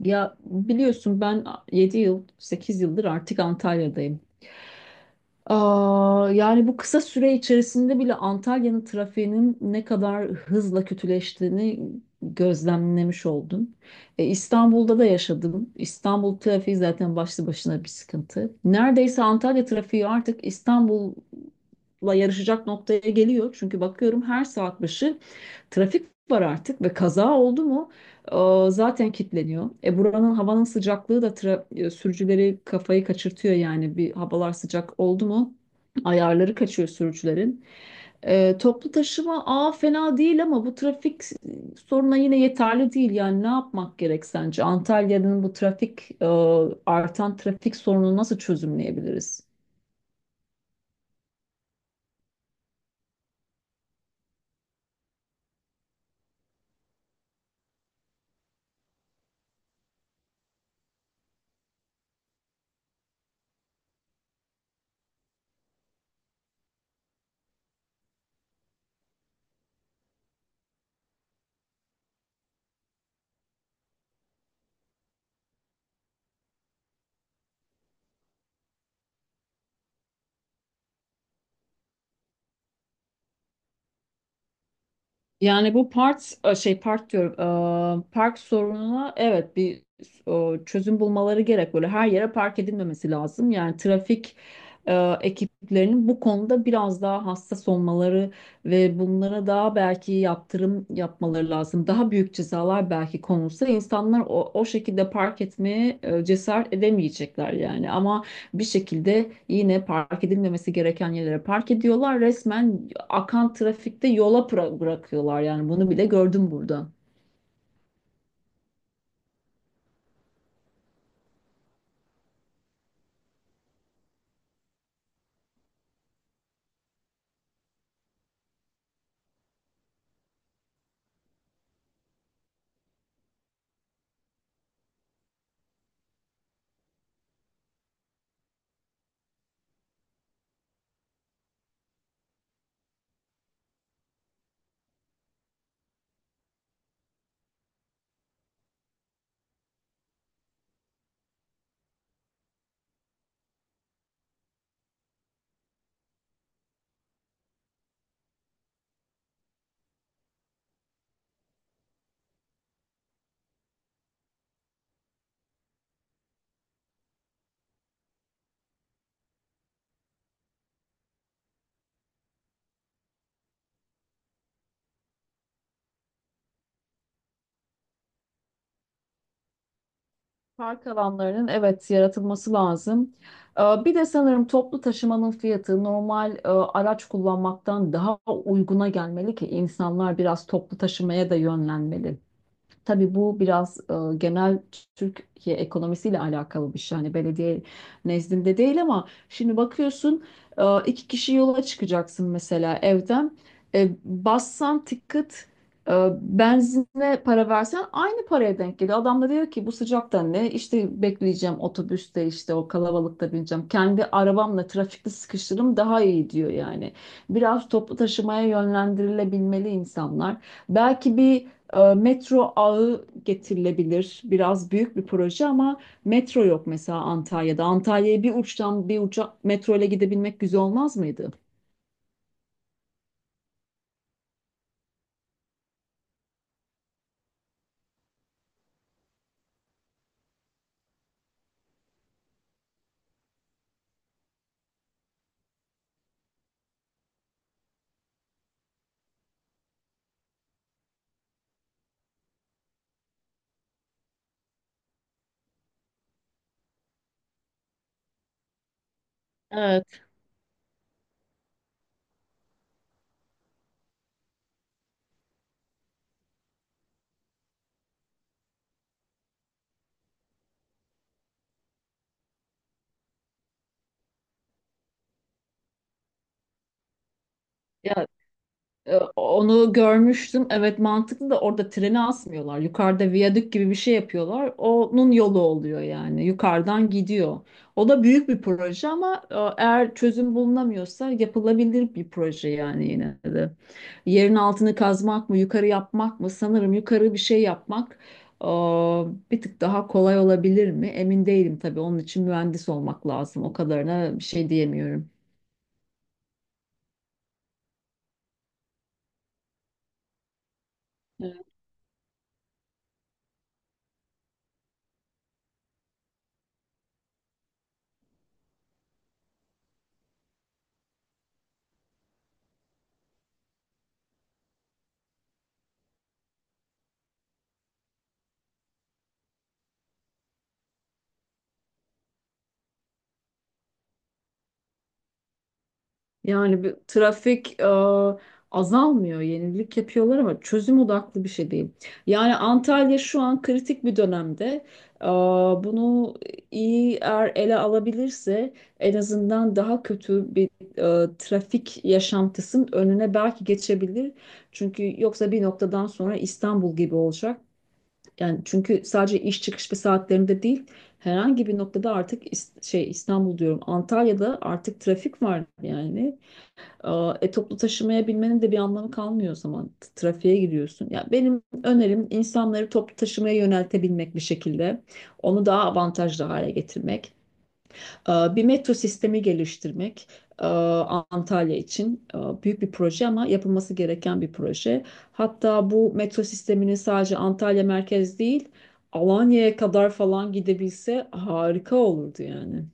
Ya biliyorsun ben 7 yıl, 8 yıldır artık Antalya'dayım. Yani bu kısa süre içerisinde bile Antalya'nın trafiğinin ne kadar hızla kötüleştiğini gözlemlemiş oldum. İstanbul'da da yaşadım. İstanbul trafiği zaten başlı başına bir sıkıntı. Neredeyse Antalya trafiği artık İstanbul'la yarışacak noktaya geliyor. Çünkü bakıyorum her saat başı trafik var artık ve kaza oldu mu zaten kilitleniyor. Buranın havanın sıcaklığı da sürücüleri kafayı kaçırtıyor yani bir havalar sıcak oldu mu ayarları kaçıyor sürücülerin. Toplu taşıma fena değil ama bu trafik soruna yine yeterli değil. Yani ne yapmak gerek sence? Antalya'nın bu trafik artan trafik sorununu nasıl çözümleyebiliriz? Yani bu part e, şey park diyorum, park sorununa evet bir çözüm bulmaları gerek, böyle her yere park edilmemesi lazım, yani trafik e, ekiplerinin bu konuda biraz daha hassas olmaları ve bunlara daha belki yaptırım yapmaları lazım. Daha büyük cezalar belki konulsa insanlar o şekilde park etmeye cesaret edemeyecekler yani, ama bir şekilde yine park edilmemesi gereken yerlere park ediyorlar. Resmen akan trafikte yola bırakıyorlar, yani bunu bile gördüm burada. Park alanlarının evet yaratılması lazım. Bir de sanırım toplu taşımanın fiyatı normal araç kullanmaktan daha uyguna gelmeli ki insanlar biraz toplu taşımaya da yönlenmeli. Tabii bu biraz genel Türkiye ekonomisiyle alakalı bir şey. Hani belediye nezdinde değil, ama şimdi bakıyorsun iki kişi yola çıkacaksın mesela evden. Bassan ticket, e, benzine para versen aynı paraya denk geliyor. Adam da diyor ki bu sıcakta ne? İşte bekleyeceğim otobüste, işte o kalabalıkta bineceğim. Kendi arabamla trafikte sıkışırım daha iyi, diyor yani. Biraz toplu taşımaya yönlendirilebilmeli insanlar. Belki bir metro ağı getirilebilir. Biraz büyük bir proje, ama metro yok mesela Antalya'da. Antalya'ya bir uçtan bir uca metro ile gidebilmek güzel olmaz mıydı? Evet. Ya Onu görmüştüm. Evet, mantıklı, da orada treni asmıyorlar. Yukarıda viyadük gibi bir şey yapıyorlar. Onun yolu oluyor yani. Yukarıdan gidiyor. O da büyük bir proje, ama eğer çözüm bulunamıyorsa yapılabilir bir proje yani yine de. Yerin altını kazmak mı, yukarı yapmak mı? Sanırım yukarı bir şey yapmak e, bir tık daha kolay olabilir mi? Emin değilim tabii. Onun için mühendis olmak lazım. O kadarına bir şey diyemiyorum. Yani bir trafik azalmıyor, yenilik yapıyorlar ama çözüm odaklı bir şey değil. Yani Antalya şu an kritik bir dönemde. E, bunu iyi eğer ele alabilirse en azından daha kötü bir trafik yaşantısının önüne belki geçebilir. Çünkü yoksa bir noktadan sonra İstanbul gibi olacak. Yani çünkü sadece iş çıkış ve saatlerinde değil, herhangi bir noktada artık İstanbul diyorum, Antalya'da artık trafik var yani. Toplu taşımaya binmenin de bir anlamı kalmıyor o zaman. Trafiğe giriyorsun. Ya benim önerim insanları toplu taşımaya yöneltebilmek bir şekilde. Onu daha avantajlı hale getirmek. Bir metro sistemi geliştirmek. Antalya için büyük bir proje, ama yapılması gereken bir proje. Hatta bu metro sistemini sadece Antalya merkez değil, Alanya'ya kadar falan gidebilse harika olurdu yani.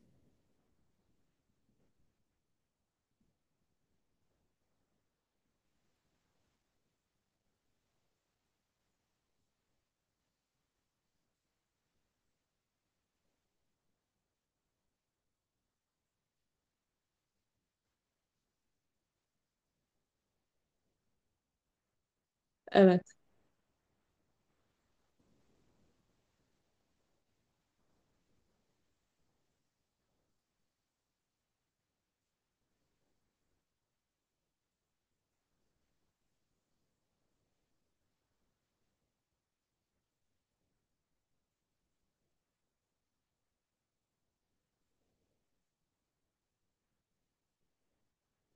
Evet,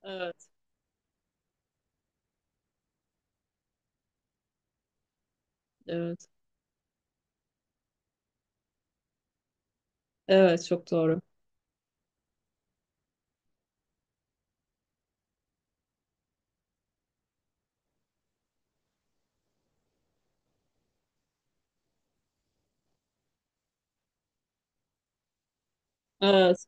evet, evet. Evet, çok doğru. Evet,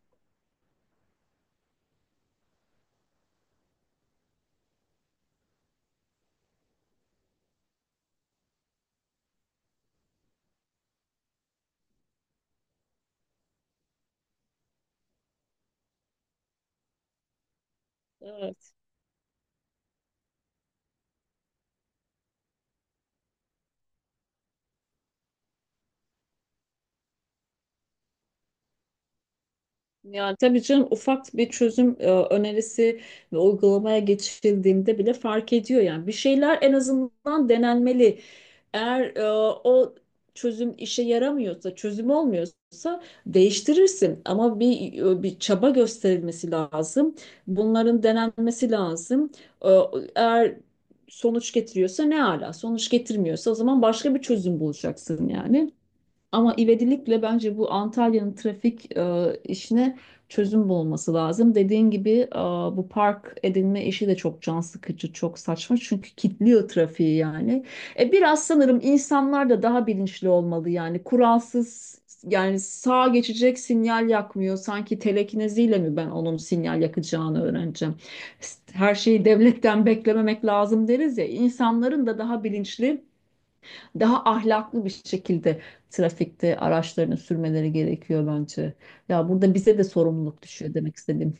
evet. Yani tabii canım, ufak bir çözüm önerisi ve uygulamaya geçildiğinde bile fark ediyor yani. Bir şeyler en azından denenmeli. Eğer o çözüm işe yaramıyorsa, çözüm olmuyorsa değiştirirsin. Ama bir çaba gösterilmesi lazım. Bunların denenmesi lazım. E, eğer sonuç getiriyorsa ne ala, sonuç getirmiyorsa o zaman başka bir çözüm bulacaksın yani. Ama ivedilikle bence bu Antalya'nın trafik işine çözüm bulması lazım. Dediğin gibi bu park edinme işi de çok can sıkıcı, çok saçma, çünkü kilitliyor trafiği yani. Biraz sanırım insanlar da daha bilinçli olmalı, yani kuralsız, yani sağa geçecek sinyal yakmıyor. Sanki telekineziyle mi ben onun sinyal yakacağını öğreneceğim? Her şeyi devletten beklememek lazım deriz ya. İnsanların da daha bilinçli, daha ahlaklı bir şekilde trafikte araçlarını sürmeleri gerekiyor bence. Ya, burada bize de sorumluluk düşüyor demek istedim.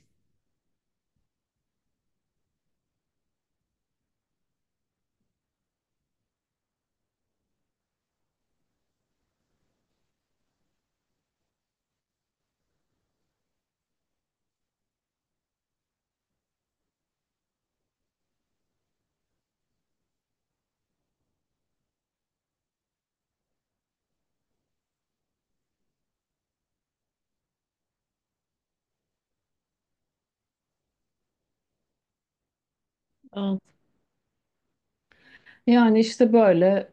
Yani işte böyle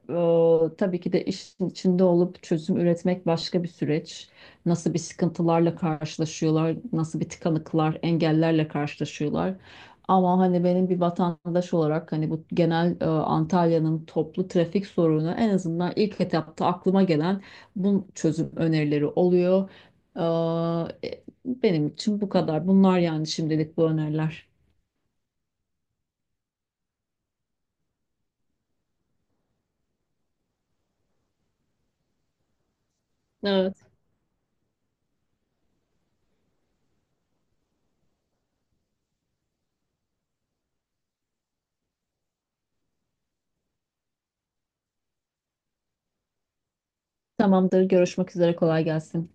tabii ki de işin içinde olup çözüm üretmek başka bir süreç. Nasıl bir sıkıntılarla karşılaşıyorlar, nasıl bir tıkanıklar, engellerle karşılaşıyorlar. Ama hani benim bir vatandaş olarak, hani bu genel Antalya'nın toplu trafik sorunu en azından ilk etapta aklıma gelen bu çözüm önerileri oluyor. Benim için bu kadar. Bunlar yani şimdilik bu öneriler. Evet. Tamamdır. Görüşmek üzere. Kolay gelsin.